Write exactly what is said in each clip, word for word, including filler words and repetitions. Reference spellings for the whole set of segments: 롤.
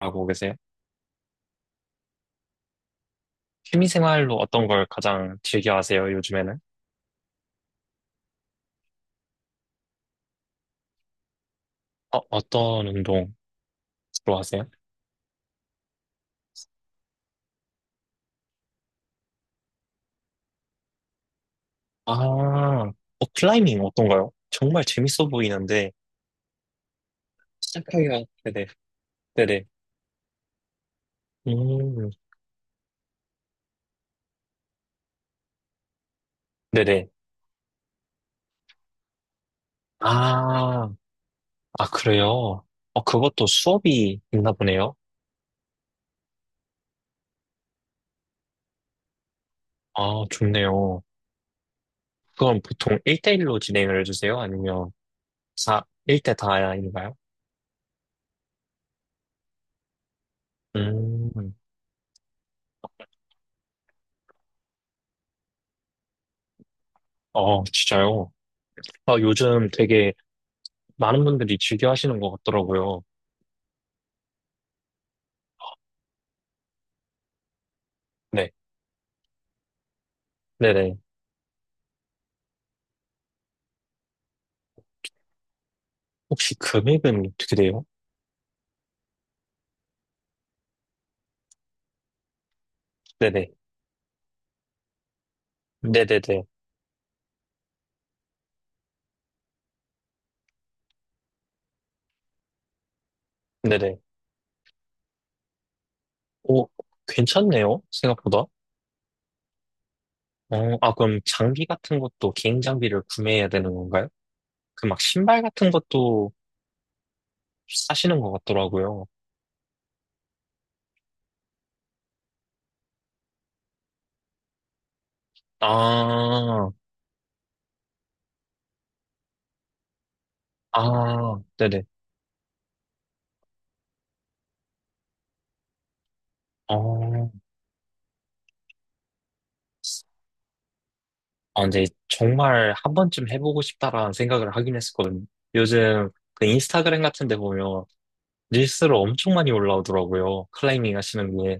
하고 계세요? 취미 생활로 어떤 걸 가장 즐겨 하세요, 요즘에는? 어, 어떤 운동 주로 하세요? 아, 어, 클라이밍 어떤가요? 정말 재밌어 보이는데, 시작하기가. 네네, 네네, 음, 네네. 아, 아, 그래요? 어, 그것도 수업이 있나 보네요? 아, 좋네요. 그럼 보통 일 대일로 진행을 해주세요? 아니면 사 일 대 다인가요? 음, 어, 진짜요? 아, 요즘 되게 많은 분들이 즐겨 하시는 것 같더라고요. 네, 네네. 혹시 금액은 어떻게 돼요? 네네, 네네네, 네네. 오, 괜찮네요. 생각보다. 어, 아, 그럼 장비 같은 것도 개인 장비를 구매해야 되는 건가요? 그 막 신발 같은 것도 사시는 것 같더라고요. 아, 아, 네네. 어, 아, 근데 정말 한 번쯤 해보고 싶다라는 생각을 하긴 했었거든요. 요즘 그 인스타그램 같은 데 보면 릴스로 엄청 많이 올라오더라고요. 클라이밍 하시는 게.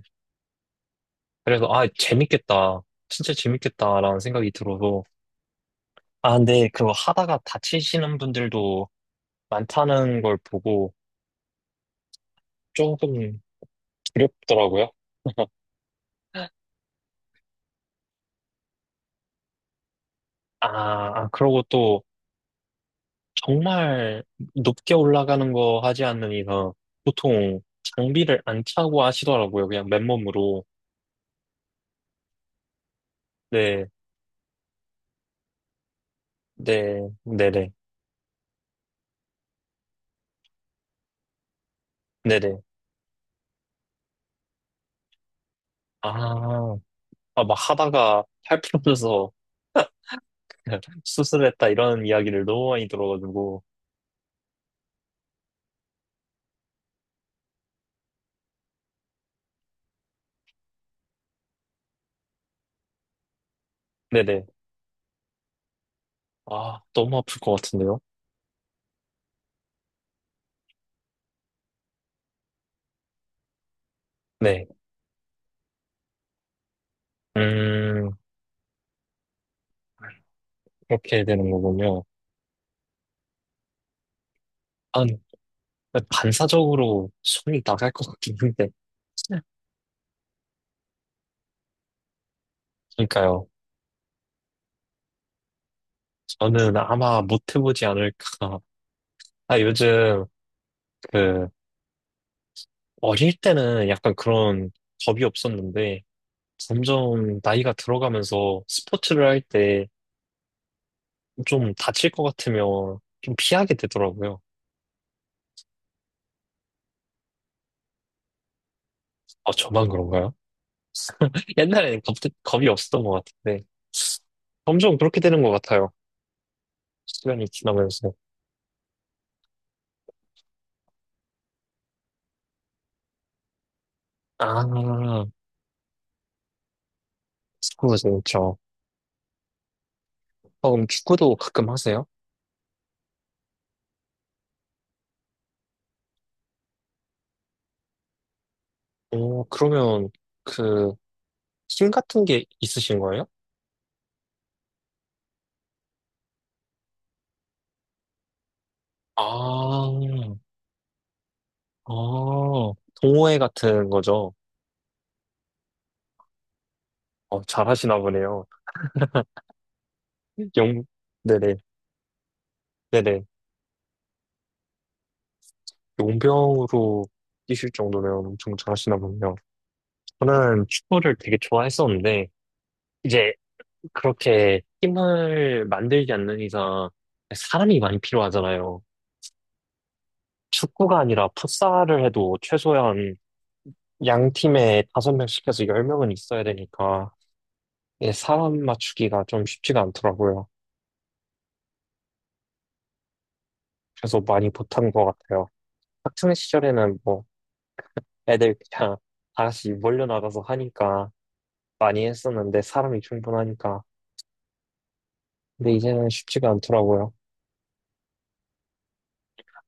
그래서, 아, 재밌겠다. 진짜 재밌겠다라는 생각이 들어서. 아, 근데 그거 하다가 다치시는 분들도 많다는 걸 보고 조금 두렵더라고요. 아, 아, 그러고 또 정말 높게 올라가는 거 하지 않는 이상 보통 장비를 안 차고 하시더라고요. 그냥 맨몸으로. 네, 네, 네네, 네네. 아, 아, 막 하다가 팔부어져서 수술했다 이런 이야기를 너무 많이 들어가지고. 네네. 아, 너무 아플 것 같은데요? 네. 음, 그렇게 되는 거군요. 한, 반사적으로 손이 나갈 것 같긴 한데. 그러니까요. 저는 아마 못 해보지 않을까. 아, 요즘, 그, 어릴 때는 약간 그런 겁이 없었는데, 점점 나이가 들어가면서 스포츠를 할 때 좀 다칠 것 같으면 좀 피하게 되더라고요. 아, 저만 그런가요? 옛날에는 겁, 겁이 없었던 것 같은데 점점 그렇게 되는 것 같아요. 시간이 지나면서. 아, 축구 재밌죠. 어, 그럼 축구도 가끔 하세요? 오, 그러면 그 팀 같은 게 있으신 거예요? 아, 아, 동호회 같은 거죠. 어, 잘하시나 보네요. 용, 네네, 네네. 용병으로 뛰실 정도면 엄청 잘하시나 보네요. 저는 축구를 되게 좋아했었는데, 이제 그렇게 팀을 만들지 않는 이상 사람이 많이 필요하잖아요. 축구가 아니라 풋살을 해도 최소한 양 팀에 다섯 명 시켜서 열 명은 있어야 되니까 이게 사람 맞추기가 좀 쉽지가 않더라고요. 그래서 많이 못한 것 같아요. 학창 시절에는 뭐 애들 그냥 다 같이 몰려 나가서 하니까 많이 했었는데 사람이 충분하니까. 근데 이제는 쉽지가 않더라고요.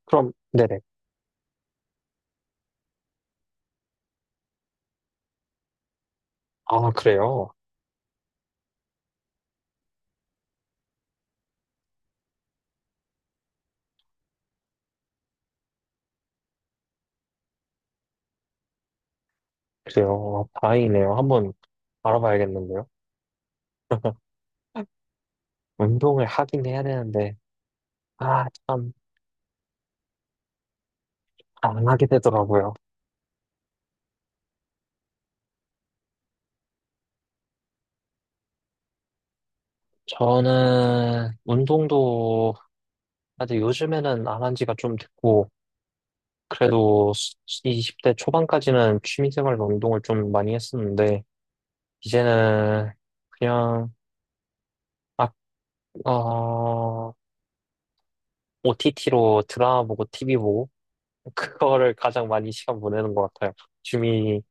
그럼 네네. 아 그래요? 그래요. 다행이네요. 한번 알아봐야겠는데요. 운동을 하긴 해야 되는데, 아, 참, 안 하게 되더라고요. 저는 운동도 아직 요즘에는 안 한 지가 좀 됐고, 그래도 이십 대 초반까지는 취미생활로 운동을 좀 많이 했었는데, 이제는 그냥, 아, 어, 오티티로 드라마 보고 티비 보고, 그거를 가장 많이 시간 보내는 것 같아요. 취미생활로는.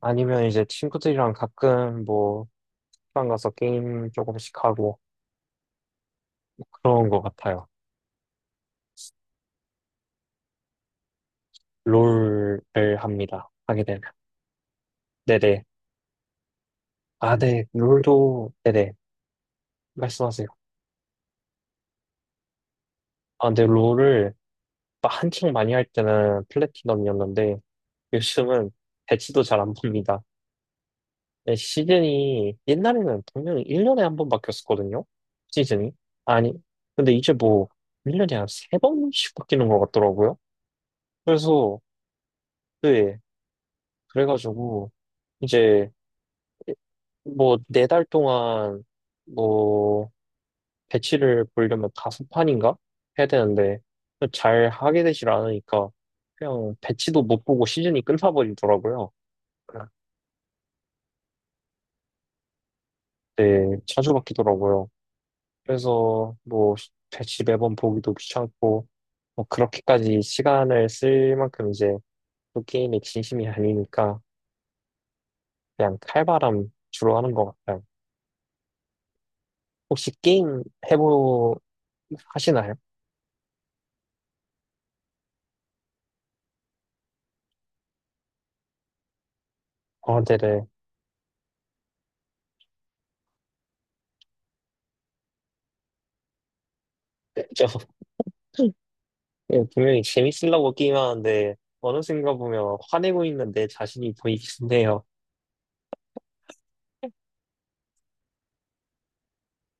아니면 이제 친구들이랑 가끔 뭐, 식당 가서 게임 조금씩 하고 그런 것 같아요. 롤을 합니다. 하게 되면. 네네. 아, 네. 롤도, 네네. 말씀하세요. 아, 근데 롤을 막 한창 많이 할 때는 플래티넘이었는데 요즘은 배치도 잘 안 봅니다. 네, 시즌이 옛날에는 분명히 일 년에 한 번 바뀌었었거든요. 시즌이. 아니, 근데 이제 뭐 일 년에 한 세번씩 바뀌는 것 같더라고요. 그래서, 네. 그래가지고 이제 뭐, 네 달 동안, 뭐, 배치를 보려면 다섯 판인가? 해야 되는데, 잘 하게 되질 않으니까, 그냥 배치도 못 보고 시즌이 끝나버리더라고요. 네, 자주 바뀌더라고요. 그래서, 뭐, 배치 매번 보기도 귀찮고, 뭐, 그렇게까지 시간을 쓸 만큼 이제, 또 게임에 진심이 아니니까, 그냥 칼바람 주로 하는 것 같아요. 혹시 게임 해보, 하시나요? 어, 네네. 네, 저 예, 분명히 재밌으려고 게임하는데 어느 순간 보면 화내고 있는 내 자신이 보이긴 해요.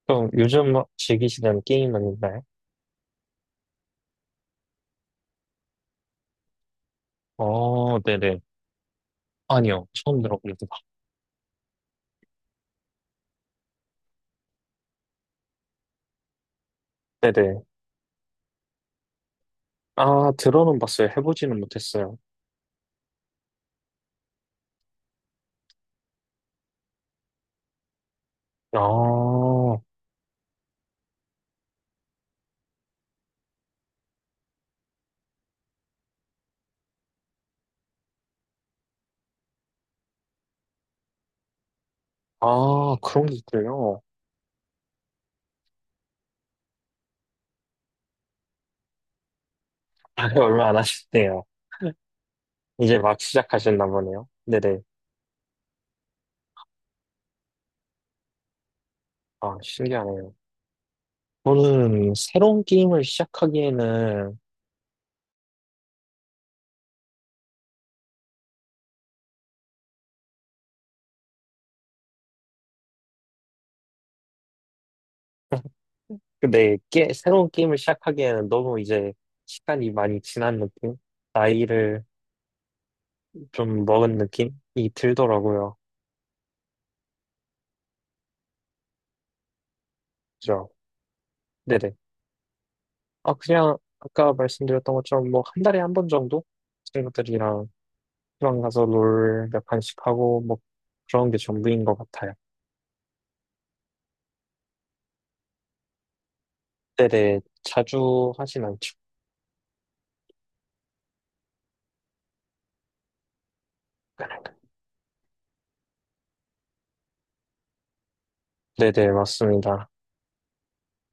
그럼 요즘 막 즐기시는 게임은 있나요? 어, 네네. 아니요, 처음 들어봅니다. 네네. 아, 들어는 봤어요. 해보지는 못했어요. 아, 아, 그런 게 있군요. 아, 네, 얼마 안 하셨네요. 이제 막 시작하셨나 보네요. 네네. 아, 신기하네요. 저는 새로운 게임을 시작하기에는 근데 게, 새로운 게임을 시작하기에는 너무 이제 시간이 많이 지난 느낌? 나이를 좀 먹은 느낌이 들더라고요. 그죠? 네네. 아, 그냥 아까 말씀드렸던 것처럼 뭐 한 달에 한 번 정도 친구들이랑 시방 가서 롤 몇 판씩 하고 뭐 그런 게 전부인 것 같아요. 네네. 자주 하진 않죠. 네네, 맞습니다.